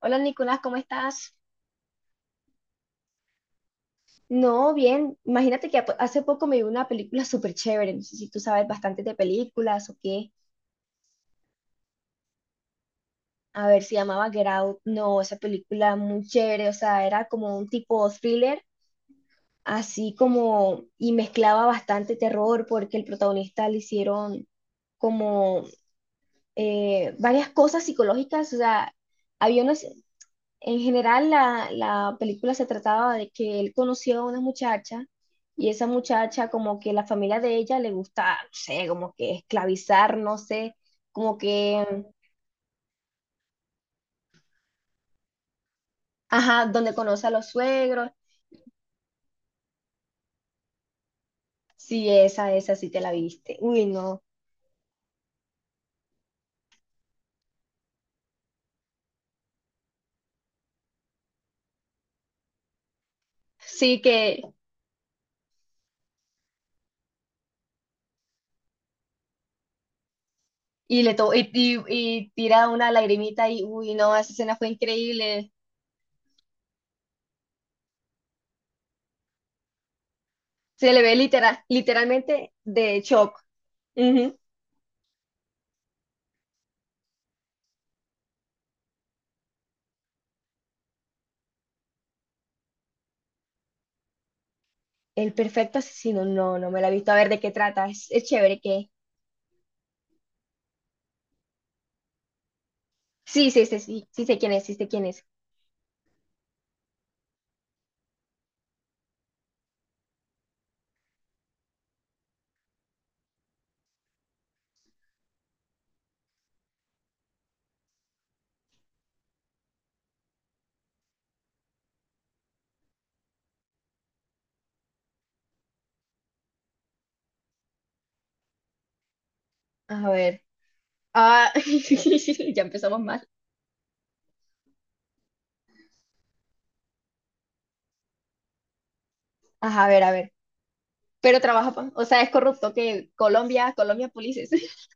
Hola Nicolás, ¿cómo estás? No, bien. Imagínate que hace poco me vi una película súper chévere. No sé si tú sabes bastante de películas o qué. A ver, se llamaba Get Out. No, esa película muy chévere. O sea, era como un tipo thriller, así como, y mezclaba bastante terror porque el protagonista le hicieron como varias cosas psicológicas. O sea, había unos. En general, la película se trataba de que él conoció a una muchacha y esa muchacha como que la familia de ella le gusta, no sé, como que esclavizar, no sé, como que, ajá, donde conoce a los suegros. Sí, esa sí te la viste. Uy, no. Sí que, y le to y, y tira una lagrimita y, uy, no, esa escena fue increíble. Se le ve literal, literalmente de shock. Ujú. El perfecto asesino, no, no me la he visto. A ver de qué trata. Es chévere que... Sí, sí, sí, sí, sí sé quién es, sí sé quién es. A ver. Ah, ya empezamos mal. Ajá, a ver, a ver. Pero trabaja, o sea, es corrupto que Colombia, Colombia Polices.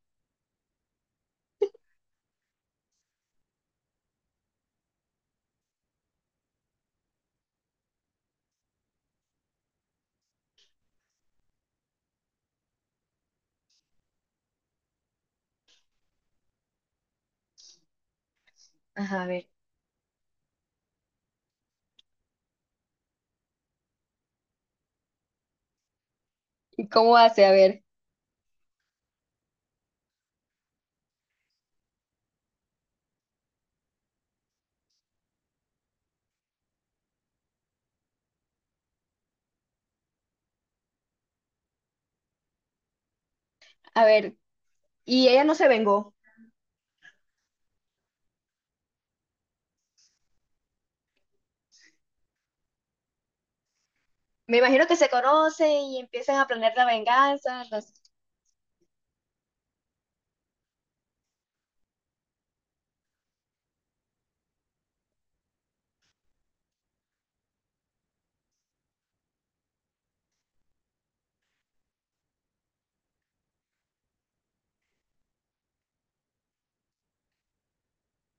Ajá, a ver. ¿Y cómo hace? A ver, a ver. Y ella no se vengó. Me imagino que se conoce y empiezan a planear la venganza. Las...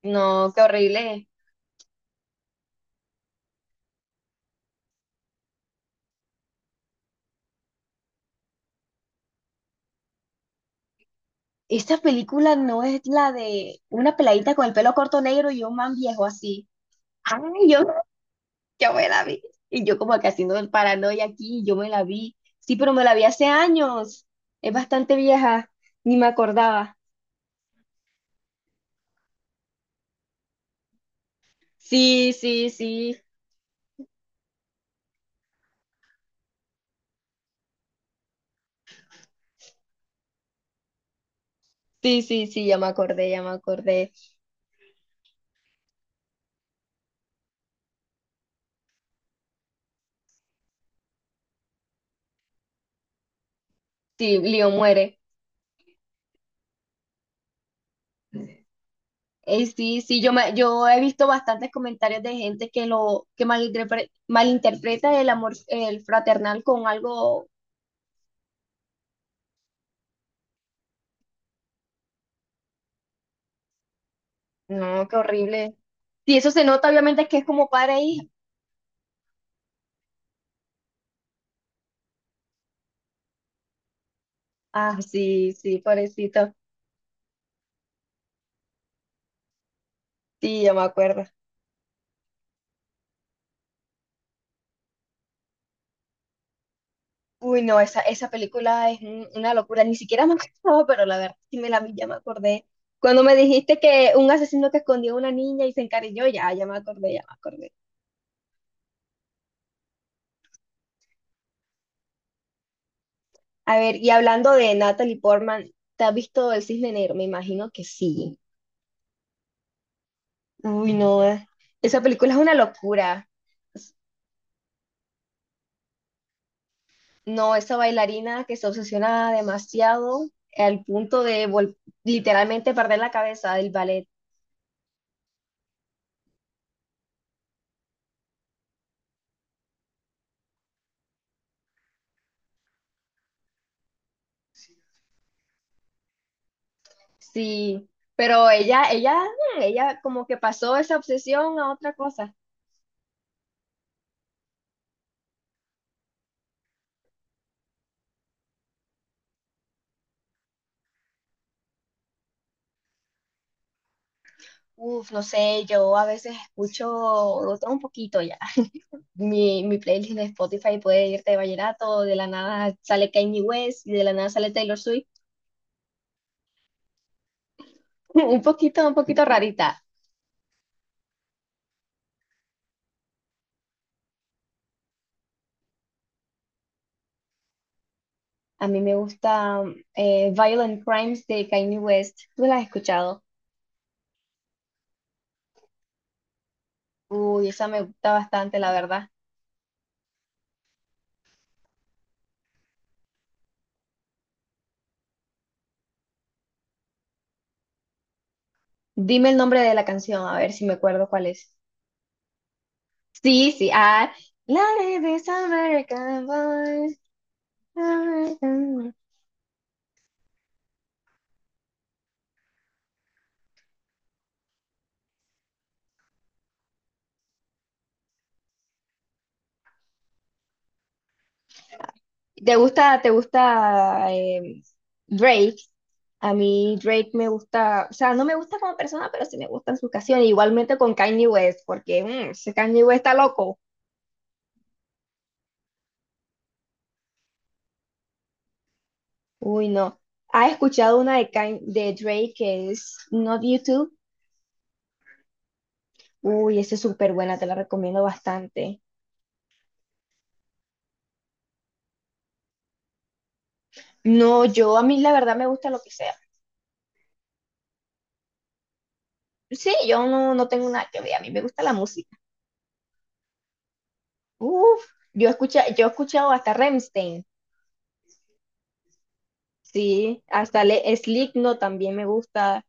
No, qué horrible. Esta película no es la de una peladita con el pelo corto negro y un man viejo así. Ay, yo no. Yo me la vi. Y yo como que haciendo el paranoia aquí, yo me la vi. Sí, pero me la vi hace años. Es bastante vieja, ni me acordaba. Sí, sí, sí. Sí, sí, sí, ya me acordé, ya me acordé. Sí, Leo muere. Sí, sí, yo me, yo he visto bastantes comentarios de gente que lo que malinterpreta el amor el fraternal con algo. No, qué horrible. Sí, eso se nota obviamente que es como padre e hija. Ah, sí, sí, pobrecito. Sí, ya me acuerdo. Uy, no, esa película es una locura, ni siquiera me acordaba, pero la verdad sí me la vi, ya me acordé. Cuando me dijiste que un asesino que escondió a una niña y se encariñó, ya, ya me acordé, ya me acordé. A ver, y hablando de Natalie Portman, ¿te has visto El Cisne Negro? Me imagino que sí. Uy, no, esa película es una locura. No, esa bailarina que se obsesiona demasiado al punto de literalmente perder la cabeza del ballet. Sí, pero ella, ella como que pasó esa obsesión a otra cosa. Uf, no sé, yo a veces escucho otro un poquito ya. Mi playlist de Spotify puede irte de vallenato, de la nada sale Kanye West y de la nada sale Taylor Swift. Un poquito rarita. A mí me gusta Violent Crimes de Kanye West. ¿Tú la has escuchado? Uy, esa me gusta bastante, la verdad. Dime el nombre de la canción, a ver si me acuerdo cuál es. Sí, sí, ah, Love is American Boy. American Boy. Te gusta Drake? A mí Drake me gusta, o sea, no me gusta como persona, pero sí me gustan sus canciones. Igualmente con Kanye West, porque ese Kanye West está loco. Uy, no. ¿Has escuchado una de, de Drake que es Not YouTube? Uy, esa es súper buena, te la recomiendo bastante. No, yo a mí la verdad me gusta lo que sea. Sí, yo no, no tengo nada que ver, a mí me gusta la música. Uf, yo escucha, yo he escuchado hasta Rammstein, sí, hasta Le Slipknot también me gusta.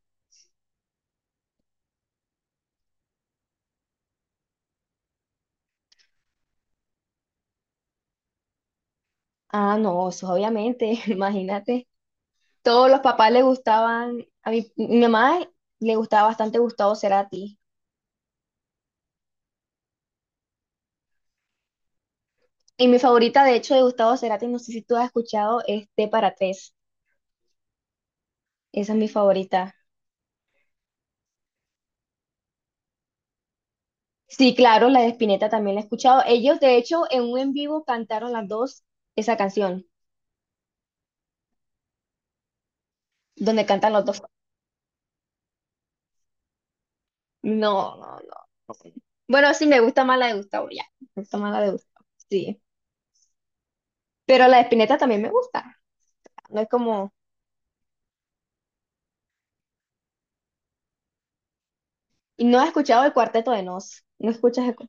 Ah, no, eso obviamente, imagínate. Todos los papás le gustaban, a mi mamá le gustaba bastante Gustavo Cerati. Y mi favorita, de hecho, de Gustavo Cerati, no sé si tú has escuchado, es T para tres. Esa es mi favorita. Sí, claro, la de Spinetta también la he escuchado. Ellos, de hecho, en un en vivo cantaron las dos esa canción, donde cantan los dos. No, no, no. Bueno, sí, me gusta más la de Gustavo, ya. Me gusta más la de Gustavo, sí. Pero la de Spinetta también me gusta. No es como... Y no he escuchado el Cuarteto de Nos. No escuchas el... cu-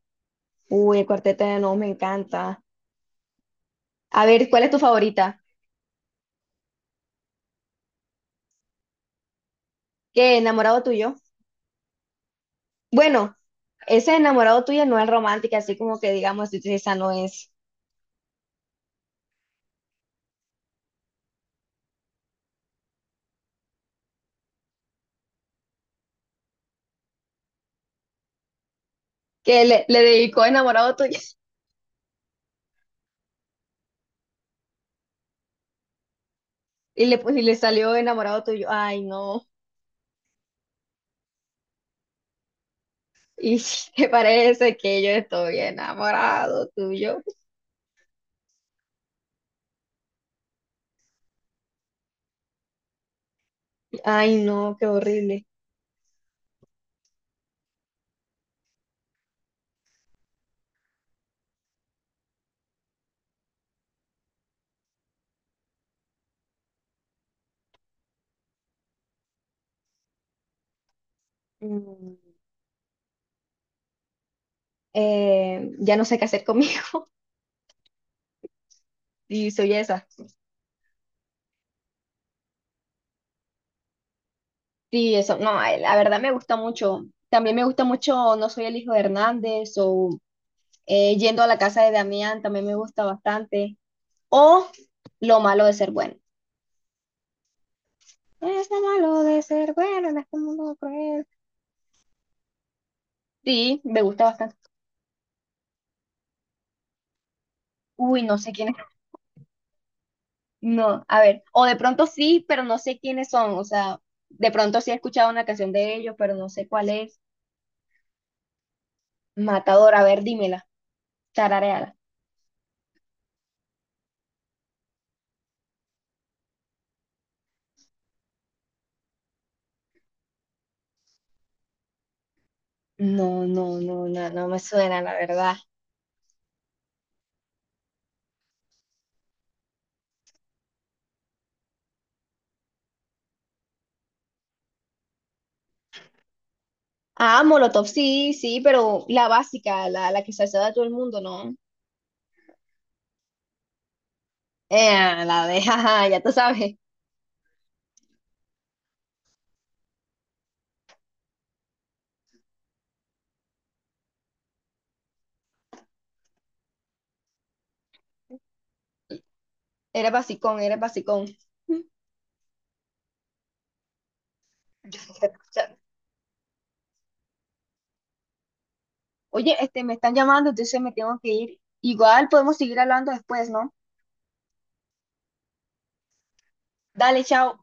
Uy, el Cuarteto de Nos me encanta. A ver, ¿cuál es tu favorita? ¿Qué, enamorado tuyo? Bueno, ese enamorado tuyo no es romántica, así como que digamos, esa no es. Que le dedicó enamorado tuyo. Y le, pues, y le salió enamorado tuyo. Ay, no. ¿Y si te parece que yo estoy enamorado tuyo? Ay, no, qué horrible. Mm, ya no sé qué hacer conmigo. Y soy esa. Sí, eso. No, la verdad me gusta mucho. También me gusta mucho No soy el hijo de Hernández o Yendo a la casa de Damián también me gusta bastante. O Lo malo de ser bueno. Es lo malo de ser bueno en este mundo cruel. Sí, me gusta bastante. Uy, no sé quiénes. No, a ver. O de pronto sí, pero no sé quiénes son. O sea, de pronto sí he escuchado una canción de ellos, pero no sé cuál es. Matador, a ver, dímela. Tararéala. No, no, no, no, no me suena, la verdad. Ah, Molotov, sí, sí, pero la básica, la que se hace a todo el mundo, ¿no? La de, jaja, ya tú sabes, era basicón, era basicón. Oye, este, me están llamando, entonces me tengo que ir. Igual podemos seguir hablando después, ¿no? Dale, chao.